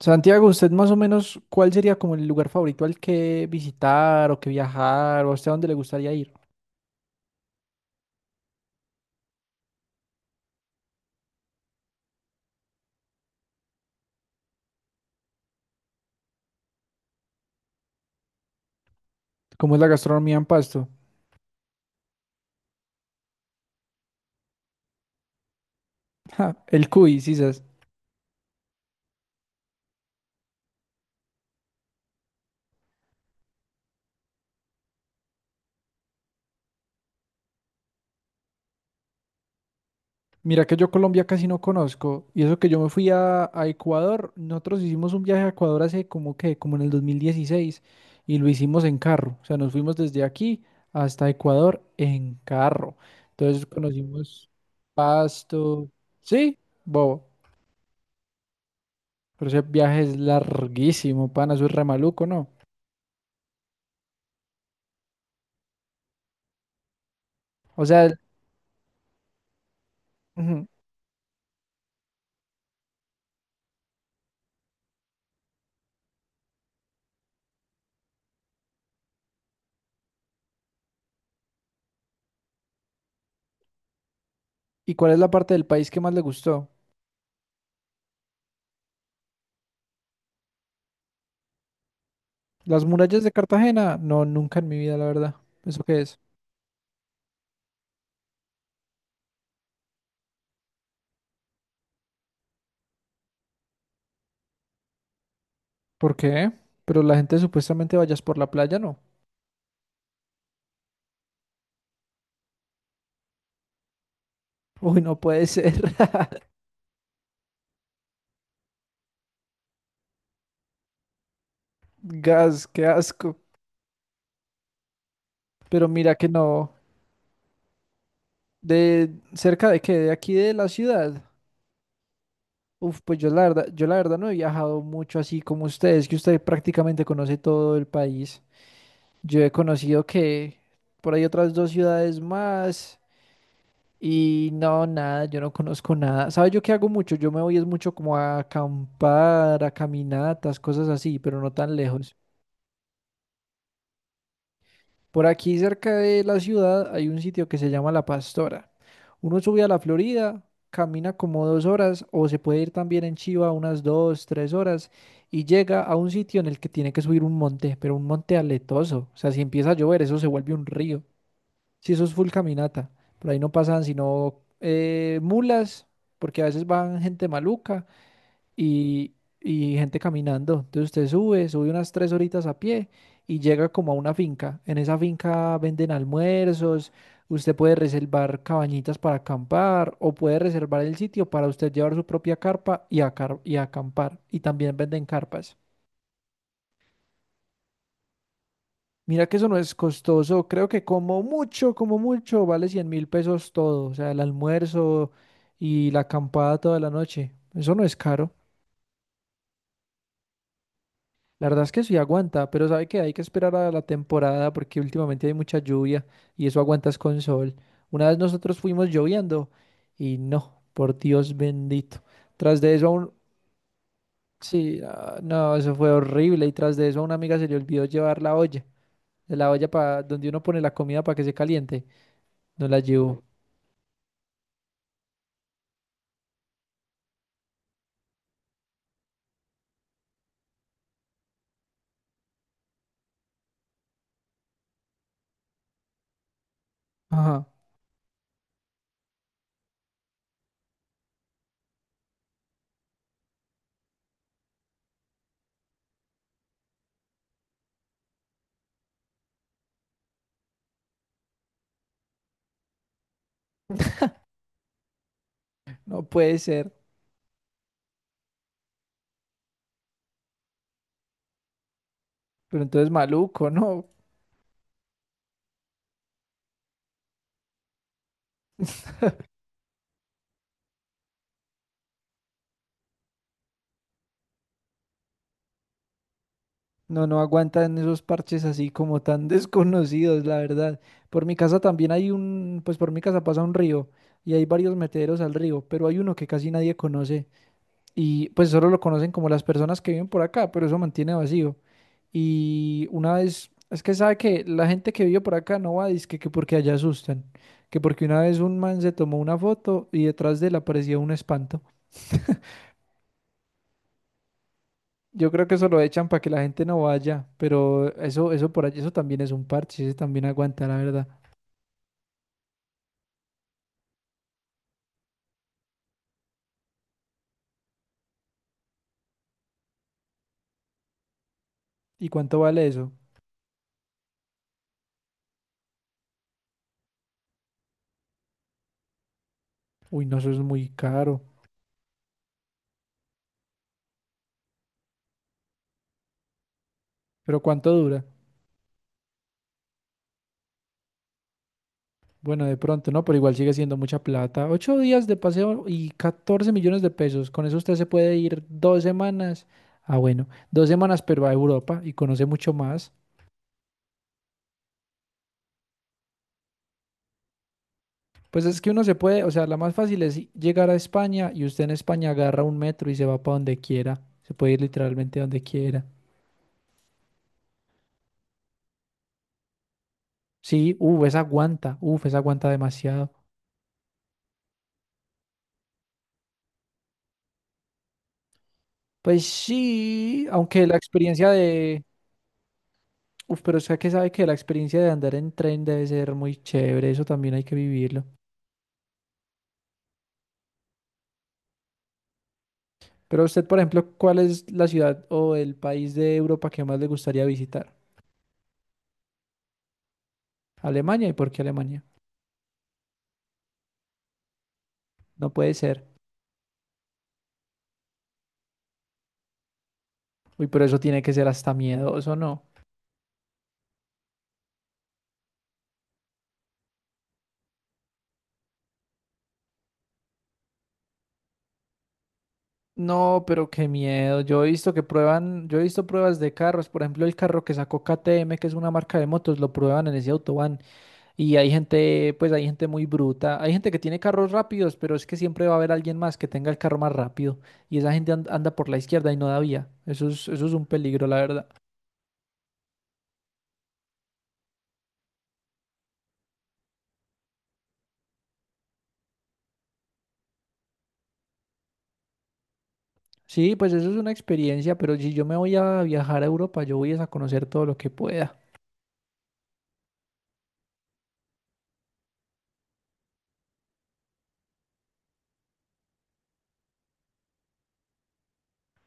Santiago, ¿usted más o menos cuál sería como el lugar favorito al que visitar o que viajar o hasta dónde le gustaría ir? ¿Cómo es la gastronomía en Pasto? Ja, el cuy, sisas. Mira que yo Colombia casi no conozco y eso que yo me fui a Ecuador, nosotros hicimos un viaje a Ecuador hace como que, como en el 2016 y lo hicimos en carro, o sea, nos fuimos desde aquí hasta Ecuador en carro. Entonces conocimos Pasto, sí, bobo. Pero ese viaje es larguísimo, pana, eso es re maluco, ¿no? O sea, ujú. ¿Y cuál es la parte del país que más le gustó? ¿Las murallas de Cartagena? No, nunca en mi vida, la verdad. ¿Eso qué es? ¿Por qué? Pero la gente supuestamente vayas por la playa, ¿no? Uy, no puede ser. Gas, qué asco. Pero mira que no. ¿De cerca de qué? ¿De aquí de la ciudad? Uf, pues yo la verdad no he viajado mucho así como ustedes, que usted prácticamente conoce todo el país. Yo he conocido que por ahí otras dos ciudades más y no, nada, yo no conozco nada. ¿Sabes yo qué hago mucho? Yo me voy es mucho como a acampar, a caminatas, cosas así, pero no tan lejos. Por aquí cerca de la ciudad hay un sitio que se llama La Pastora. Uno sube a la Florida, camina como 2 horas o se puede ir también en Chiva unas 2, 3 horas y llega a un sitio en el que tiene que subir un monte, pero un monte aletoso. O sea, si empieza a llover, eso se vuelve un río. Sí, eso es full caminata. Por ahí no pasan sino mulas, porque a veces van gente maluca y, y gente caminando. Entonces usted sube, sube unas 3 horitas a pie y llega como a una finca. En esa finca venden almuerzos, usted puede reservar cabañitas para acampar o puede reservar el sitio para usted llevar su propia carpa y, y acampar. Y también venden carpas. Mira que eso no es costoso, creo que como mucho, vale 100.000 pesos todo, o sea, el almuerzo y la acampada toda la noche, eso no es caro, la verdad es que sí aguanta, pero sabe que hay que esperar a la temporada porque últimamente hay mucha lluvia y eso aguantas con sol. Una vez nosotros fuimos lloviendo y no, por Dios bendito, tras de eso aún, sí, ah, no, eso fue horrible y tras de eso a una amiga se le olvidó llevar la olla para donde uno pone la comida para que se caliente, no la llevó. Ajá, no puede ser. Pero entonces maluco, ¿no? No, no aguantan esos parches así como tan desconocidos, la verdad. Por mi casa también hay un, pues por mi casa pasa un río y hay varios meteros al río, pero hay uno que casi nadie conoce y pues solo lo conocen como las personas que viven por acá, pero eso mantiene vacío. Y una vez, es que sabe que la gente que vive por acá no va, dizque que porque allá asustan, que porque una vez un man se tomó una foto y detrás de él aparecía un espanto. Yo creo que eso lo echan para que la gente no vaya, pero eso por allí, eso también es un parche, ese también aguanta, la verdad. ¿Y cuánto vale eso? Uy, no, eso es muy caro. ¿Pero cuánto dura? Bueno, de pronto, no, pero igual sigue siendo mucha plata. 8 días de paseo y 14 millones de pesos. Con eso usted se puede ir 2 semanas. Ah, bueno, 2 semanas, pero a Europa y conoce mucho más. Pues es que uno se puede, o sea, la más fácil es llegar a España y usted en España agarra un metro y se va para donde quiera. Se puede ir literalmente donde quiera. Sí, uff, esa aguanta demasiado. Pues sí, aunque la experiencia de, uff, pero usted que sabe que la experiencia de andar en tren debe ser muy chévere, eso también hay que vivirlo. Pero usted, por ejemplo, ¿cuál es la ciudad o el país de Europa que más le gustaría visitar? Alemania, ¿y por qué Alemania? No puede ser. Uy, pero eso tiene que ser hasta miedoso, ¿no? No, pero qué miedo. Yo he visto que prueban, yo he visto pruebas de carros, por ejemplo, el carro que sacó KTM, que es una marca de motos, lo prueban en ese autobahn. Y hay gente, pues hay gente muy bruta. Hay gente que tiene carros rápidos, pero es que siempre va a haber alguien más que tenga el carro más rápido. Y esa gente anda por la izquierda y no da vía. Eso es un peligro, la verdad. Sí, pues eso es una experiencia, pero si yo me voy a viajar a Europa, yo voy es a conocer todo lo que pueda.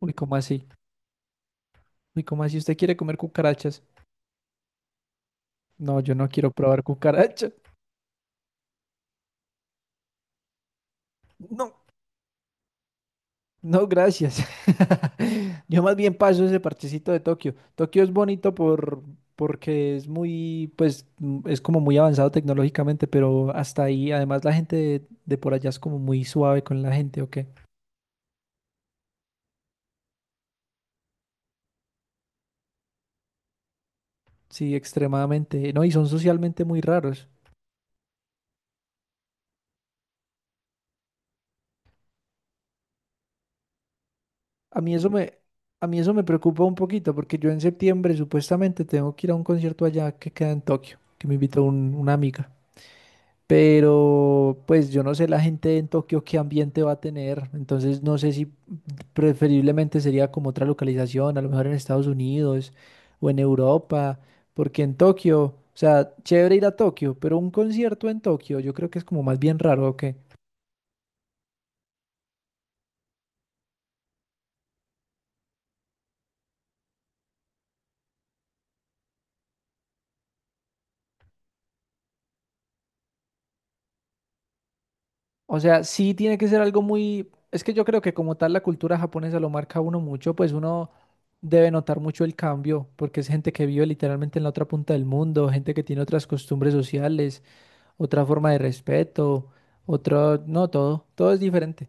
Uy, ¿cómo así? Uy, ¿cómo así? ¿Usted quiere comer cucarachas? No, yo no quiero probar cucarachas. No. No, gracias. Yo más bien paso ese parchecito de Tokio. Tokio es bonito porque es muy, pues, es como muy avanzado tecnológicamente, pero hasta ahí, además la gente de por allá es como muy suave con la gente, ¿o qué? Sí, extremadamente. No, y son socialmente muy raros. A mí eso me, a mí eso me preocupa un poquito, porque yo en septiembre supuestamente tengo que ir a un concierto allá que queda en Tokio, que me invitó una amiga. Pero pues yo no sé la gente en Tokio qué ambiente va a tener, entonces no sé si preferiblemente sería como otra localización, a lo mejor en Estados Unidos o en Europa, porque en Tokio, o sea, chévere ir a Tokio, pero un concierto en Tokio yo creo que es como más bien raro, ¿o qué? O sea, sí tiene que ser algo muy, es que yo creo que como tal la cultura japonesa lo marca a uno mucho, pues uno debe notar mucho el cambio, porque es gente que vive literalmente en la otra punta del mundo, gente que tiene otras costumbres sociales. Otra forma de respeto, otro, no, todo, todo es diferente.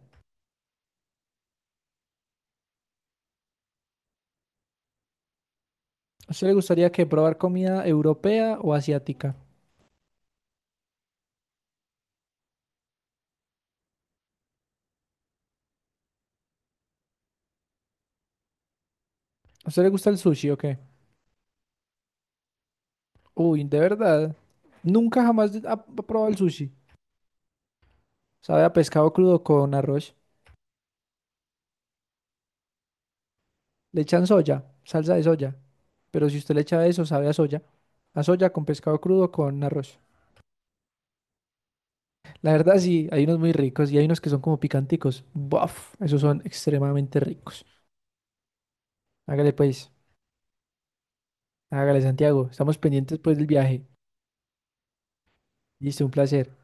¿A usted le gustaría que probar comida europea o asiática? ¿A usted le gusta el sushi o qué? Uy, de verdad, nunca jamás ha probado el sushi. Sabe a pescado crudo con arroz. Le echan soya, salsa de soya, pero si usted le echa eso, sabe a soya. A soya con pescado crudo con arroz. La verdad sí, hay unos muy ricos y hay unos que son como picanticos. Buf, esos son extremadamente ricos. Hágale pues, hágale Santiago, estamos pendientes pues del viaje. Listo, un placer.